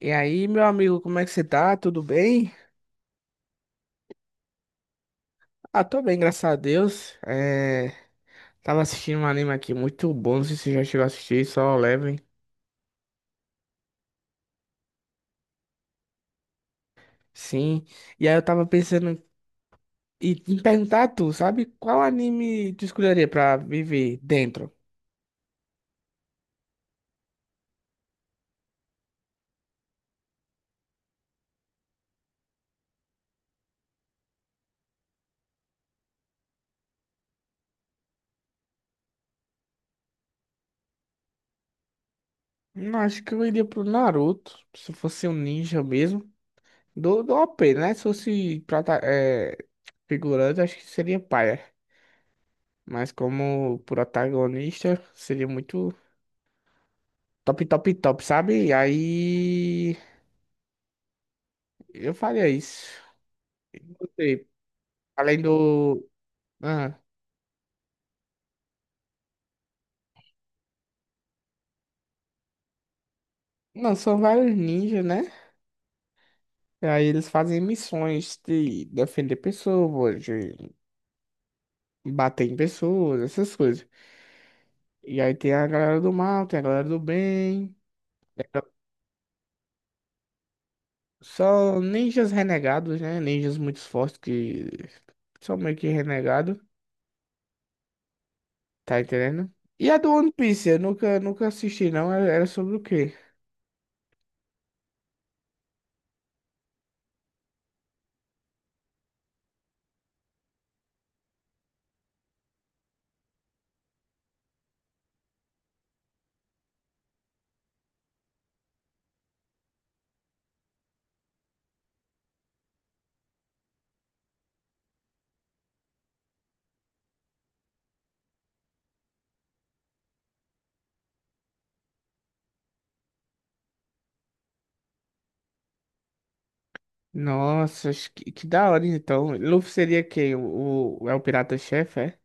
E aí, meu amigo, como é que você tá? Tudo bem? Ah, tô bem, graças a Deus. É, tava assistindo um anime aqui muito bom, não sei se você já chegou a assistir, só leve. Sim. E aí eu tava pensando em perguntar a tu, sabe? Qual anime tu escolheria pra viver dentro? Não, acho que eu iria pro Naruto, se fosse um ninja mesmo. Do OP, né? Se fosse figurante, acho que seria paia. Mas como protagonista, seria muito top, top, top, sabe? E aí eu faria isso. Não sei. Além do. Ah, não, são vários ninjas, né? E aí eles fazem missões de defender pessoas, de bater em pessoas, essas coisas. E aí tem a galera do mal, tem a galera do bem. São ninjas renegados, né? Ninjas muito fortes que são meio que renegados, tá entendendo? E a do One Piece, eu nunca, nunca assisti, não. Era sobre o quê? Nossa, acho que da hora, então. Luffy seria quem? É o pirata-chefe, é?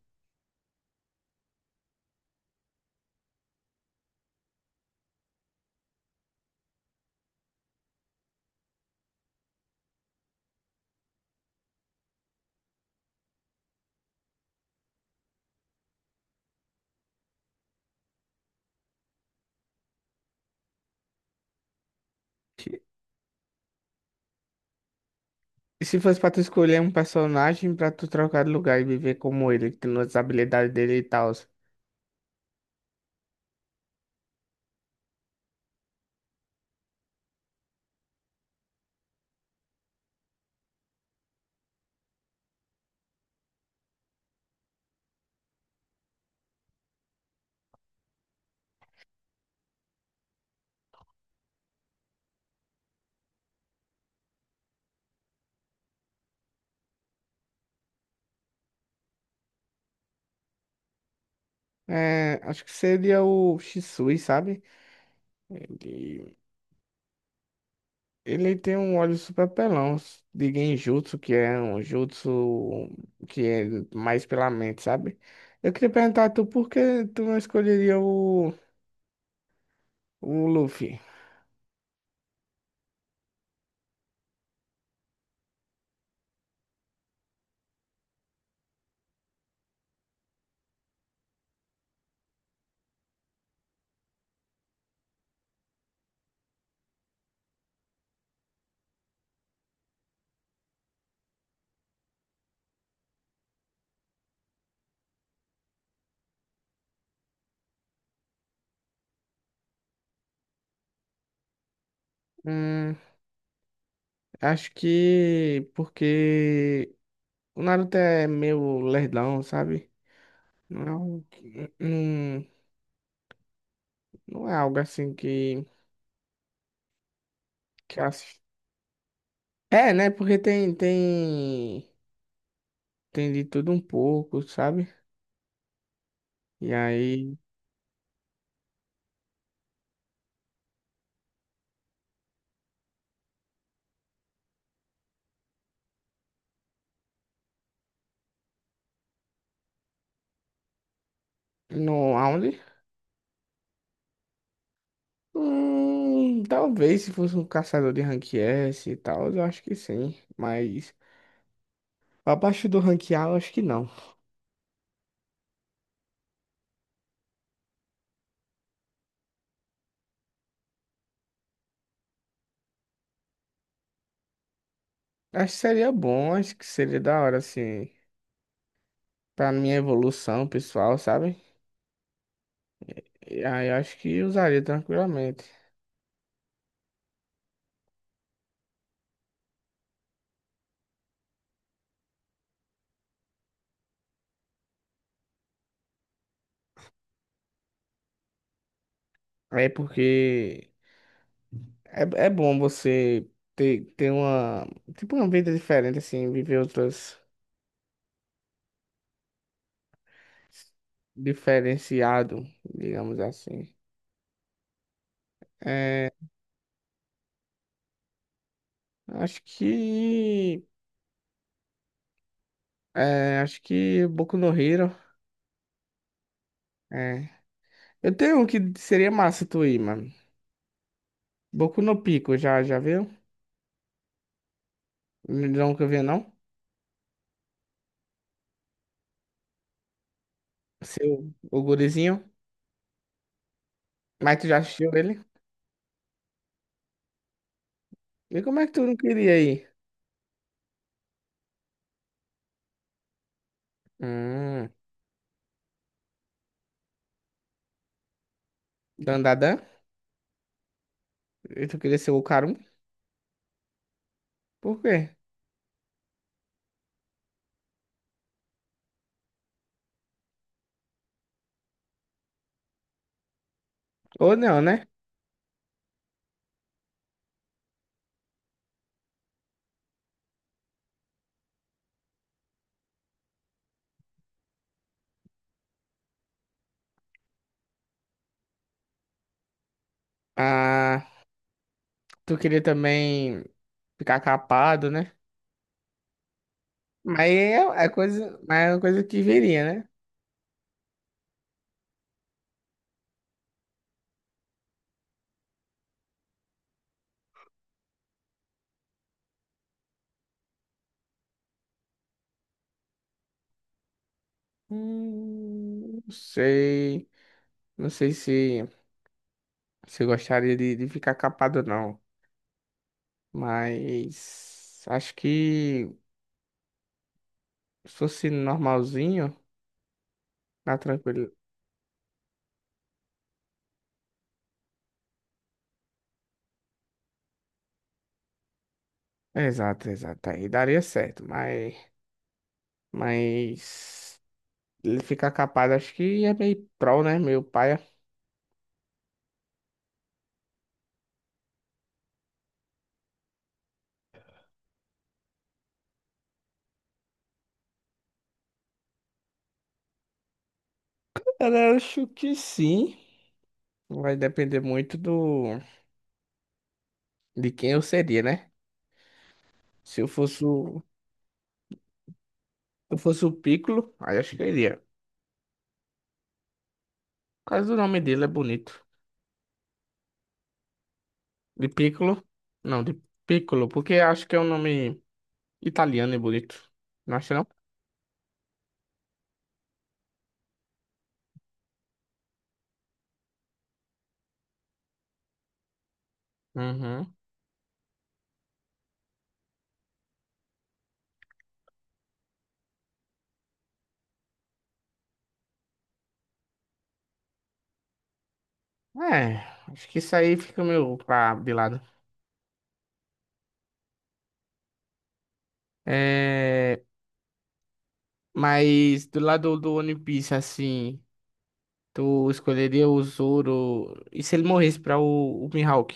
E se fosse pra tu escolher um personagem pra tu trocar de lugar e viver como ele, tendo as habilidades dele e tal. É, acho que seria o Shisui, sabe? Ele, ele tem um olho super pelão de Genjutsu, que é um jutsu que é mais pela mente, sabe? Eu queria perguntar a tu por que tu não escolheria o Luffy? Hum, Acho que porque o Naruto é meio lerdão, sabe? Não é, não, não é algo assim que eu assisto. É, né? Porque tem, tem, tem de tudo um pouco, sabe? E aí, no, aonde? Talvez se fosse um caçador de rank S e tal, eu acho que sim. Mas abaixo do rank A, eu acho que não. Acho que seria bom, acho que seria da hora, assim, pra minha evolução pessoal, sabe? E aí eu acho que usaria tranquilamente. É porque é bom você ter uma, tipo, uma vida diferente, assim, viver outras diferenciado, digamos assim. É, acho que acho que Boku no Hero. É. Eu tenho um que seria massa tu ir, mano. Boku no Pico, já já viu? Nunca vi, não? Seu o gurizinho. Mas tu já assistiu ele? E como é que tu não queria ir? Hum. Dandadan? E tu queria ser o Karum? Por quê? Ou não, né? Ah, tu queria também ficar capado, né? Mas é coisa, mas é uma coisa que viria, né? Não sei. Não sei se eu gostaria de ficar capado, ou não. Mas acho que se fosse normalzinho, na tranquilo. Exato, exato. Aí daria certo. Mas, mas ele ficar capado, acho que é meio pró, né? Meu pai. Cara, eu acho que sim. Vai depender muito do de quem eu seria, né? Se eu fosse o Piccolo, aí acho que eu iria. Por causa do nome dele é bonito. De Piccolo? Não, de Piccolo, porque acho que é um nome italiano e bonito. Não acha não? Uhum. É, acho que isso aí fica meio pra de lado. É, mas do lado do One Piece, assim, tu escolheria o Zoro. E se ele morresse pra o Mihawk?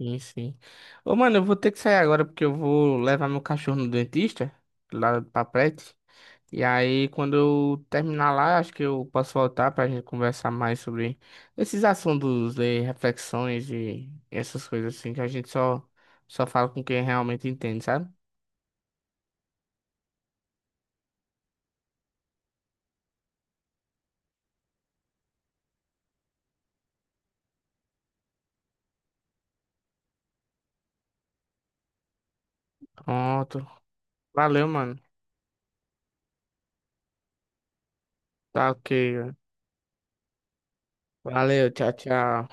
Sim, sim. Ô, mano, eu vou ter que sair agora porque eu vou levar meu cachorro no dentista, lá do Papete. E aí, quando eu terminar lá, acho que eu posso voltar pra gente conversar mais sobre esses assuntos de reflexões e essas coisas assim, que a gente só fala com quem realmente entende, sabe? Pronto. Valeu, mano. Tá ok. Valeu, tchau, tchau.